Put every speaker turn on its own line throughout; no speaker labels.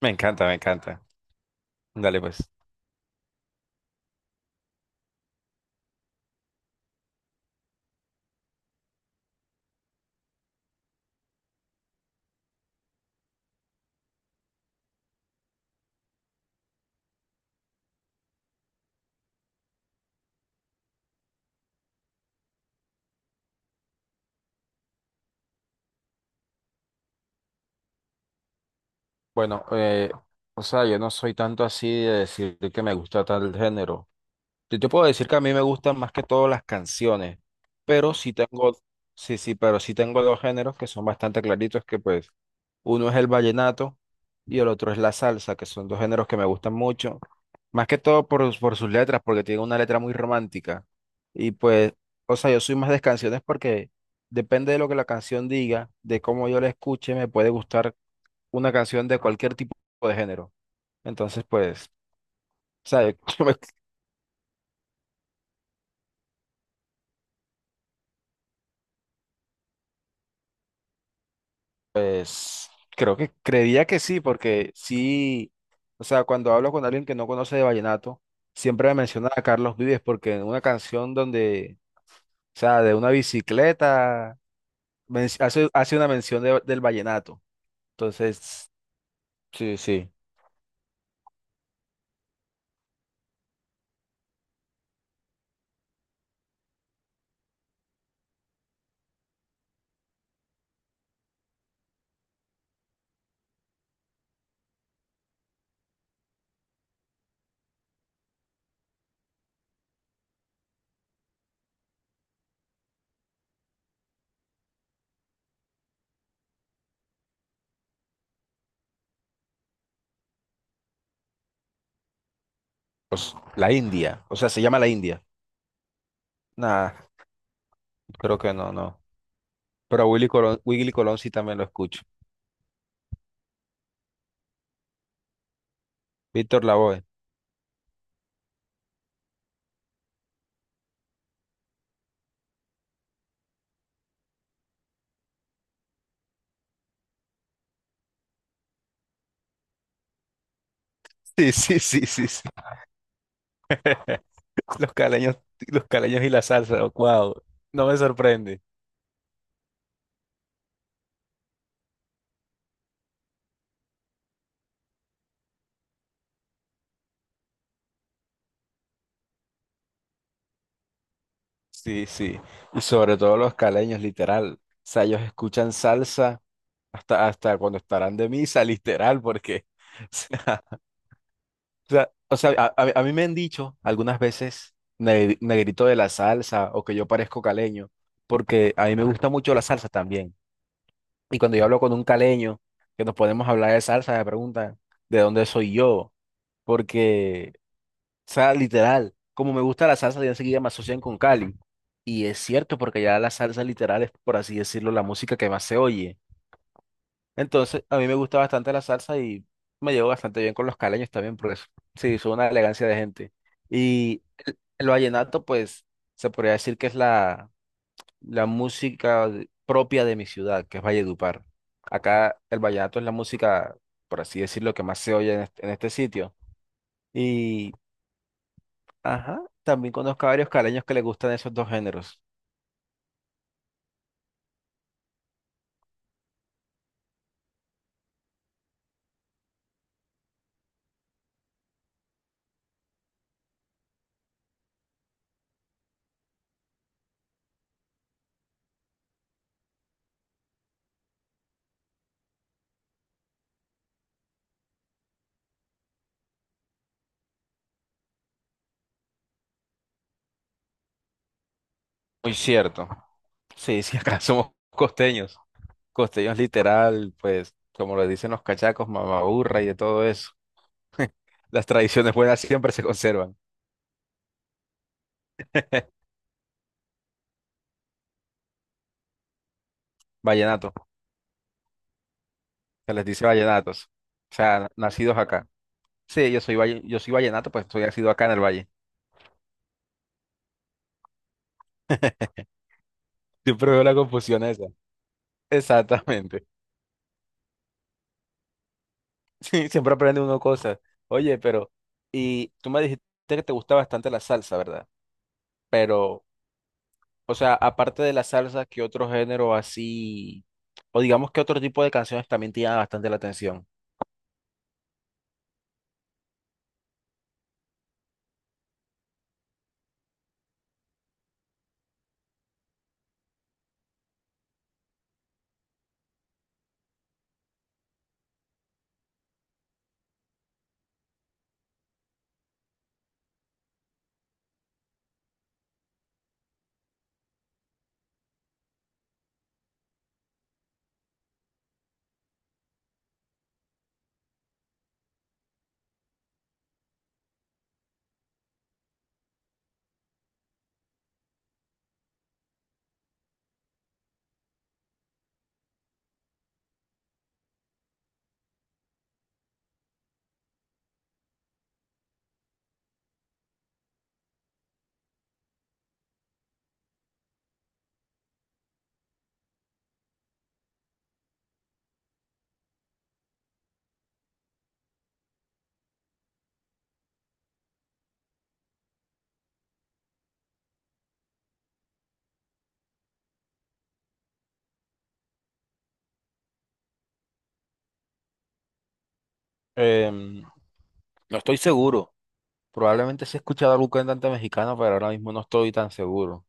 Me encanta, me encanta. Dale, pues. Bueno, eh, o sea, yo no soy tanto así de decir que me gusta tal género. Yo te puedo decir que a mí me gustan más que todo las canciones, pero sí tengo, sí, sí, pero sí tengo dos géneros que son bastante claritos, que pues uno es el vallenato y el otro es la salsa, que son dos géneros que me gustan mucho, más que todo por sus letras, porque tiene una letra muy romántica. Y pues, o sea, yo soy más de canciones porque depende de lo que la canción diga, de cómo yo la escuche, me puede gustar una canción de cualquier tipo de género. Entonces, pues, o sea, yo me. Pues creo que creería que sí, porque sí, o sea, cuando hablo con alguien que no conoce de vallenato, siempre me menciona a Carlos Vives, porque en una canción donde, o sea, de una bicicleta, hace, hace una mención del vallenato. Entonces, sí, sí, pues la India, o sea, se llama la India. Nada, creo que no, no. Pero a Willy Colón, Willy Colón sí también lo escucho. Víctor Lavoe. Sí, sí, sí, sí, sí. Los caleños, los caleños y la salsa, wow, no me sorprende. Sí, sí. Y sobre todo los caleños, literal. O sea, ellos escuchan salsa hasta, hasta cuando estarán de misa, literal, porque, o sea, o sea, o sea, a mí me han dicho algunas veces "Ne- "negrito de la salsa" o que yo parezco caleño, porque a mí me gusta mucho la salsa también. Y cuando yo hablo con un caleño, que nos podemos hablar de salsa, me preguntan de dónde soy yo, porque o sea, literal, como me gusta la salsa, ya enseguida me asocian con Cali. Y es cierto, porque ya la salsa literal es, por así decirlo, la música que más se oye. Entonces, a mí me gusta bastante la salsa y me llevo bastante bien con los caleños también, por eso. Sí, son una elegancia de gente. Y el vallenato, pues, se podría decir que es la música propia de mi ciudad, que es Valledupar. Acá el vallenato es la música, por así decirlo, que más se oye en este sitio. Y ajá, también conozco a varios caleños que les gustan esos dos géneros. Muy cierto. Sí, sí, acá somos costeños. Costeños literal, pues, como lo dicen los cachacos, mamaburra y de todo eso. Las tradiciones buenas siempre se conservan. Vallenato, se les dice vallenatos. O sea, nacidos acá. Sí, yo soy vallenato, pues soy nacido acá en el valle. Siempre veo la confusión esa. Exactamente. Sí, siempre aprende uno cosas. Oye, pero, y tú me dijiste que te gusta bastante la salsa, ¿verdad? Pero o sea, aparte de la salsa, ¿qué otro género así, o digamos que otro tipo de canciones también te llama bastante la atención? Em, no estoy seguro. Probablemente sí he escuchado algún cantante mexicano, pero ahora mismo no estoy tan seguro.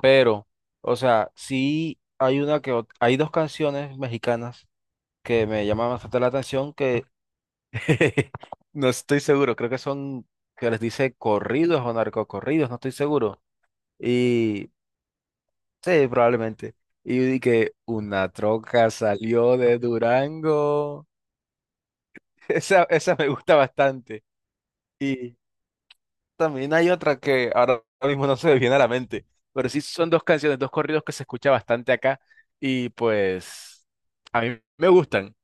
Pero, o sea, sí hay hay dos canciones mexicanas que me llaman bastante la atención que no estoy seguro. Creo que son que les dice corridos o narcocorridos, no estoy seguro. Y sí, probablemente. Y yo dije, una troca salió de Durango. Esa me gusta bastante. Y también hay otra que ahora mismo no se me viene a la mente, pero sí son dos canciones, dos corridos que se escucha bastante acá y pues a mí me gustan.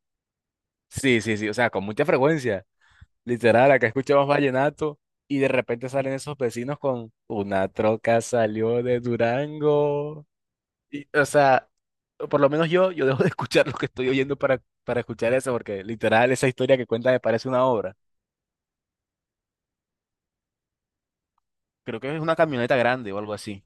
Sí, sí, sí, o sea, con mucha frecuencia. Literal, acá escuchamos vallenato y de repente salen esos vecinos con una troca salió de Durango. Y, o sea, por lo menos yo dejo de escuchar lo que estoy oyendo para escuchar eso, porque literal esa historia que cuenta me parece una obra. Creo que es una camioneta grande o algo así.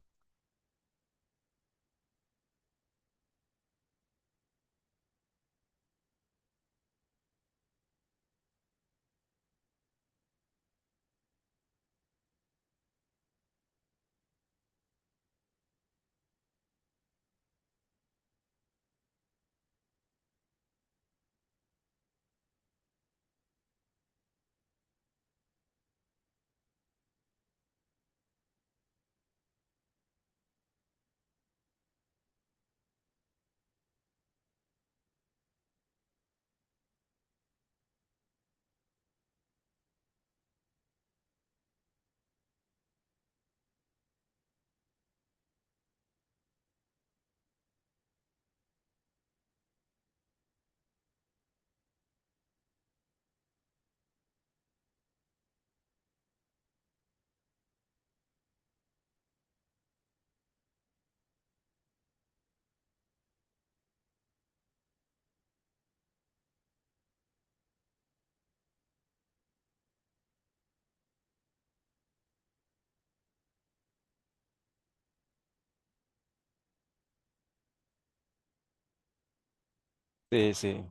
Sí, sí.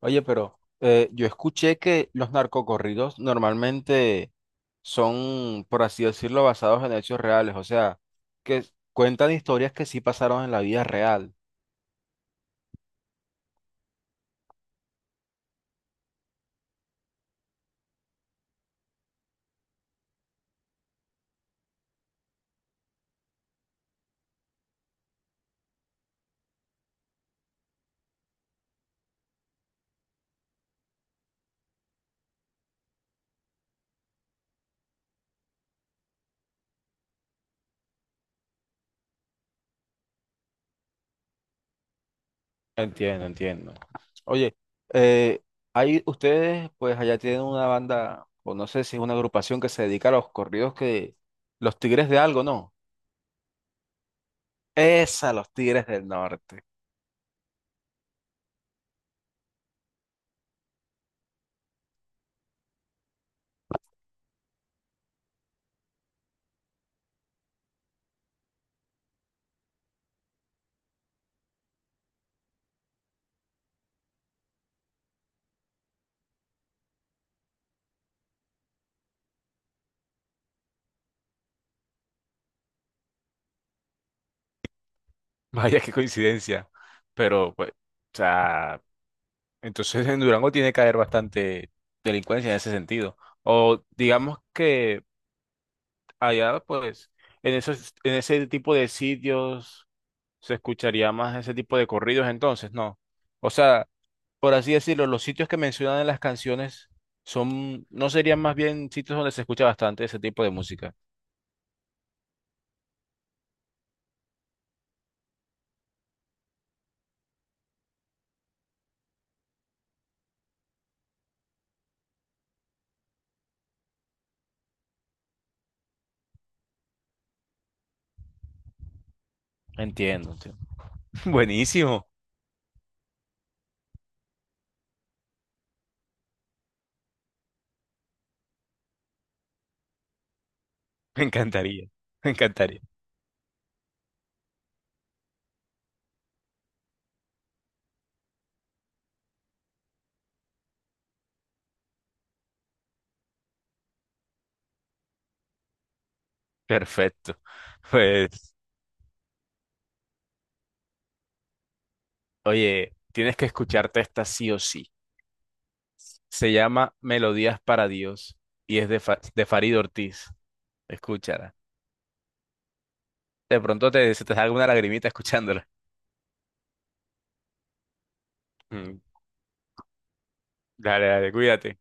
Oye, pero yo escuché que los narcocorridos normalmente son, por así decirlo, basados en hechos reales, o sea, que cuentan historias que sí pasaron en la vida real. Entiendo, entiendo. Oye, eh, hay ustedes, pues allá tienen una banda, o no sé si es una agrupación que se dedica a los corridos que los Tigres de algo, ¿no? Esa, los Tigres del Norte. Vaya, qué coincidencia. Pero, pues, o sea, entonces en Durango tiene que haber bastante delincuencia en ese sentido. O digamos que allá, pues, en esos, en ese tipo de sitios se escucharía más ese tipo de corridos entonces, ¿no? O sea, por así decirlo, los sitios que mencionan en las canciones son, no serían más bien sitios donde se escucha bastante ese tipo de música. Entiendo, entiendo. Buenísimo, me encantaría, me encantaría. Perfecto. Pues, oye, tienes que escucharte esta sí o sí. Se llama Melodías para Dios y es de, de Farid Ortiz. Escúchala. De pronto te, se te salga una lagrimita escuchándola. Mm, dale, dale, cuídate.